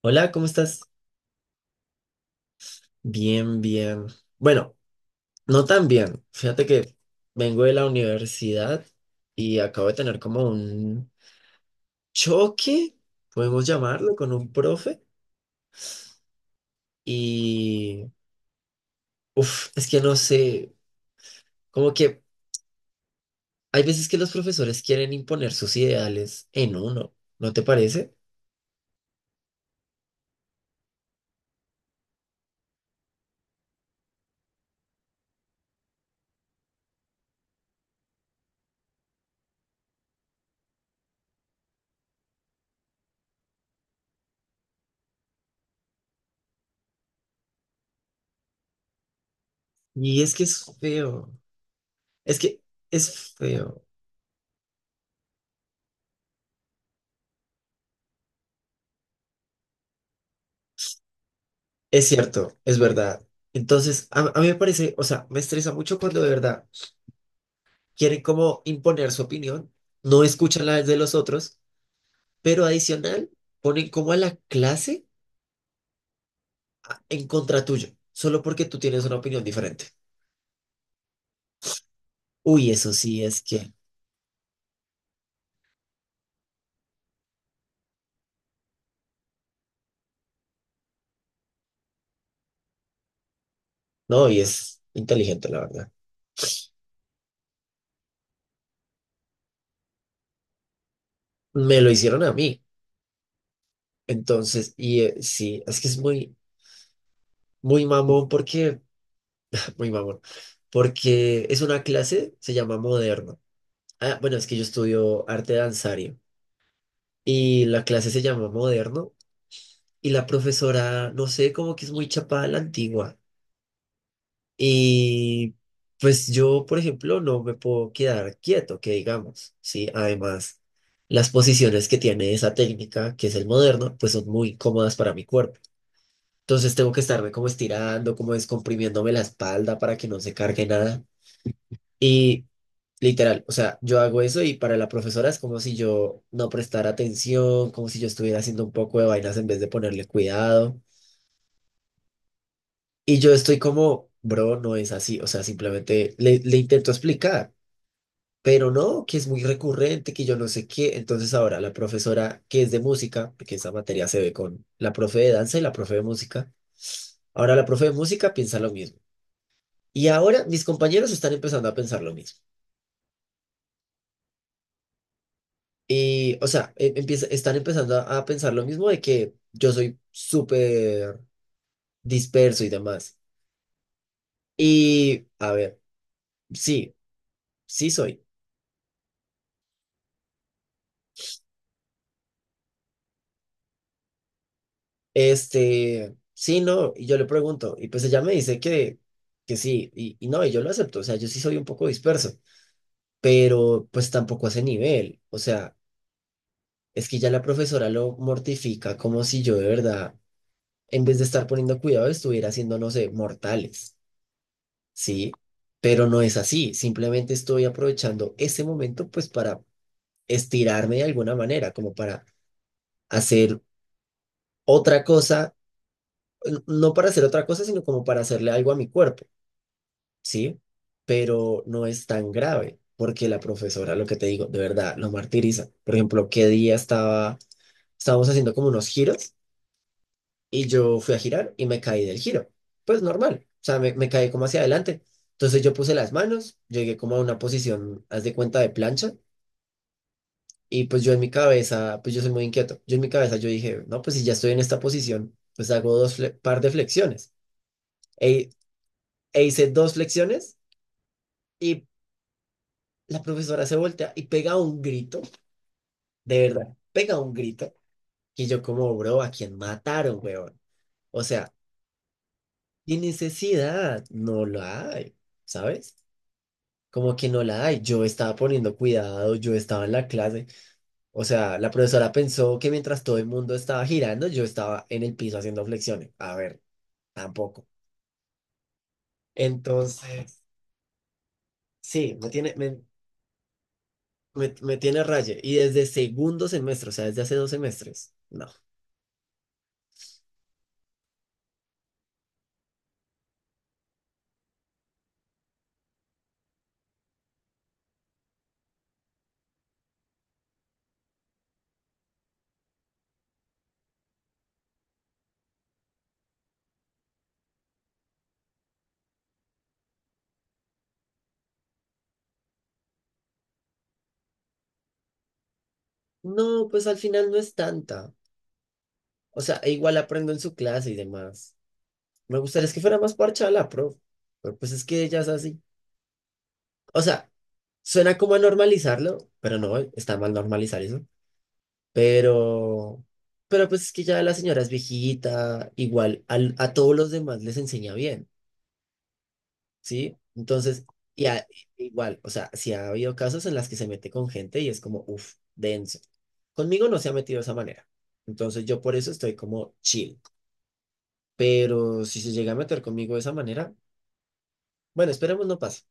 Hola, ¿cómo estás? Bien, bien. Bueno, no tan bien. Fíjate que vengo de la universidad y acabo de tener como un choque, podemos llamarlo, con un profe. Y, es que no sé, como que hay veces que los profesores quieren imponer sus ideales en uno, ¿no te parece? Y es que es feo. Es que es feo. Es cierto, es verdad. Entonces, a mí me parece, o sea, me estresa mucho cuando de verdad quieren como imponer su opinión, no escuchan la de los otros, pero adicional ponen como a la clase en contra tuyo, solo porque tú tienes una opinión diferente. Uy, eso sí es que, no, y es inteligente, la verdad. Me lo hicieron a mí. Entonces, y sí, es que es muy, muy mamón porque, muy mamón, porque es una clase, se llama moderno. Ah, bueno, es que yo estudio arte danzario y la clase se llama moderno y la profesora, no sé, como que es muy chapada a la antigua. Y pues yo, por ejemplo, no me puedo quedar quieto, que digamos, ¿sí? Además, las posiciones que tiene esa técnica, que es el moderno, pues son muy cómodas para mi cuerpo. Entonces tengo que estarme como estirando, como descomprimiéndome la espalda para que no se cargue nada. Y literal, o sea, yo hago eso y para la profesora es como si yo no prestara atención, como si yo estuviera haciendo un poco de vainas en vez de ponerle cuidado. Y yo estoy como, bro, no es así. O sea, simplemente le intento explicar, pero no, que es muy recurrente, que yo no sé qué. Entonces ahora la profesora que es de música, porque esa materia se ve con la profe de danza y la profe de música, ahora la profe de música piensa lo mismo. Y ahora mis compañeros están empezando a pensar lo mismo. Y, o sea, están empezando a pensar lo mismo de que yo soy súper disperso y demás. Y, a ver, sí, sí soy. Este, sí, no, y yo le pregunto, y pues ella me dice que sí, y no, y yo lo acepto, o sea, yo sí soy un poco disperso, pero pues tampoco a ese nivel, o sea, es que ya la profesora lo mortifica como si yo de verdad, en vez de estar poniendo cuidado, estuviera haciendo, no sé, mortales, ¿sí? Pero no es así, simplemente estoy aprovechando ese momento pues para estirarme de alguna manera, como para hacer otra cosa, no para hacer otra cosa, sino como para hacerle algo a mi cuerpo. ¿Sí? Pero no es tan grave, porque la profesora, lo que te digo, de verdad, lo martiriza. Por ejemplo, qué día estaba, estábamos haciendo como unos giros y yo fui a girar y me caí del giro. Pues normal, o sea, me caí como hacia adelante. Entonces yo puse las manos, llegué como a una posición, haz de cuenta, de plancha. Y pues yo en mi cabeza, pues yo soy muy inquieto, yo en mi cabeza yo dije, no, pues si ya estoy en esta posición, pues hago dos par de flexiones. E, e hice dos flexiones y la profesora se voltea y pega un grito. De verdad, pega un grito que yo como, bro, ¿a quién mataron, weón? O sea, ¿qué necesidad? No la hay, ¿sabes? Como que no la hay. Yo estaba poniendo cuidado, yo estaba en la clase. O sea, la profesora pensó que mientras todo el mundo estaba girando, yo estaba en el piso haciendo flexiones. A ver, tampoco. Entonces, sí, me tiene, me tiene raye. Y desde segundo semestre, o sea, desde hace dos semestres. No. No, pues al final no es tanta. O sea, e igual aprendo en su clase y demás. Me gustaría es que fuera más parchada la pro, pero pues es que ella es así. O sea, suena como a normalizarlo, pero no, está mal normalizar eso. Pero, pero pues es que ya la señora es viejita, igual a todos los demás les enseña bien, ¿sí? Entonces, y a- igual, o sea, si ha habido casos en las que se mete con gente y es como, uff, denso. Conmigo no se ha metido de esa manera. Entonces yo por eso estoy como chill. Pero si se llega a meter conmigo de esa manera, bueno, esperemos no pase,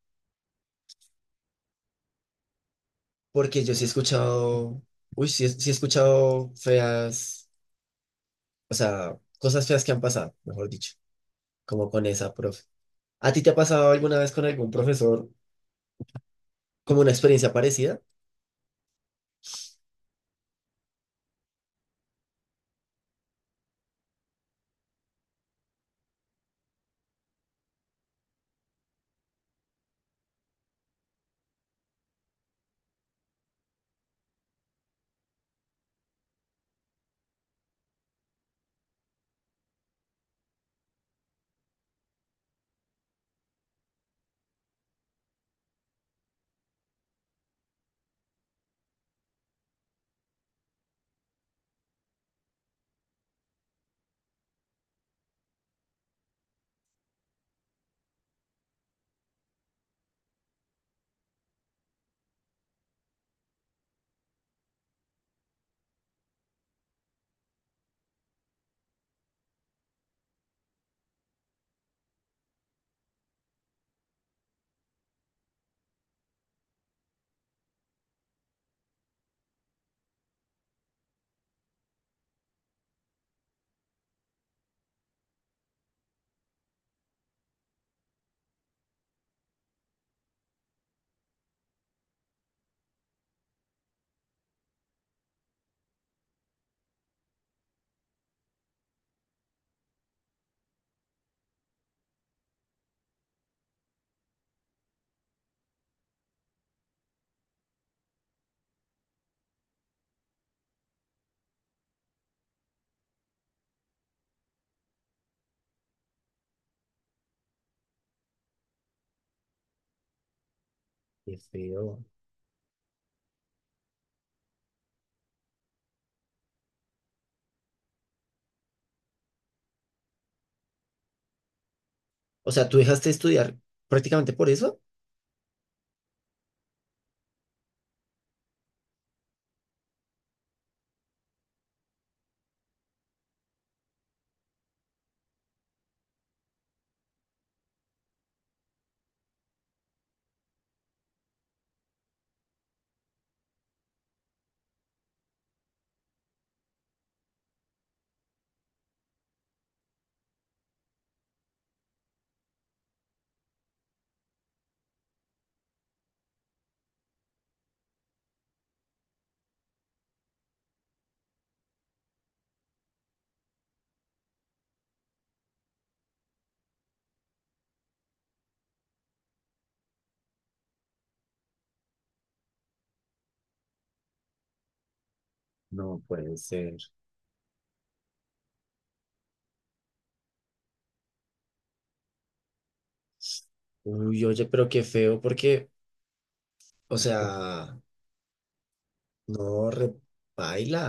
porque yo sí he escuchado, uy, sí, sí he escuchado feas, o sea, cosas feas que han pasado, mejor dicho, como con esa profe. ¿A ti te ha pasado alguna vez con algún profesor como una experiencia parecida? Qué feo. O sea, ¿tú dejaste de estudiar prácticamente por eso? No puede ser. Uy, oye, pero qué feo, porque, o sea, no, repaila.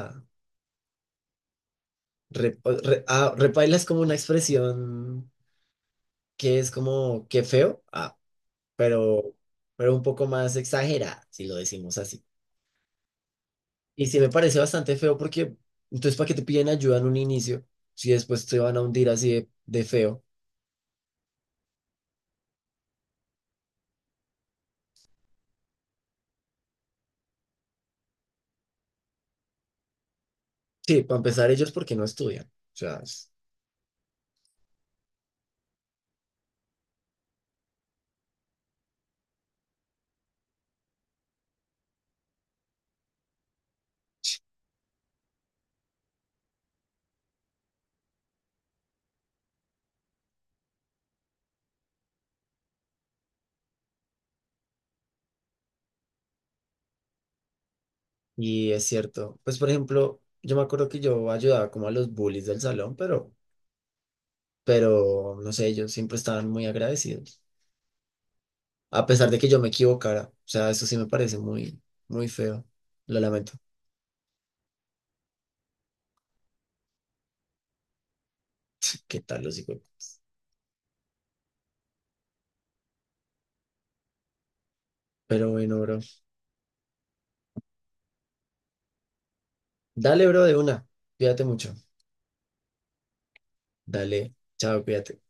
Repaila es como una expresión que es como qué feo, ah, pero, pero un poco más exagerada, si lo decimos así. Y sí me parece bastante feo porque, entonces, ¿para qué te piden ayuda en un inicio si después te van a hundir así de feo? Sí, para empezar ellos porque no estudian. O sea. Y es cierto, pues por ejemplo, yo me acuerdo que yo ayudaba como a los bullies del salón, pero no sé, ellos siempre estaban muy agradecidos, a pesar de que yo me equivocara. O sea, eso sí me parece muy, muy feo. Lo lamento. ¿Qué tal los hijos? Pero bueno, bro. Dale, bro, de una. Cuídate mucho. Dale. Chao, cuídate.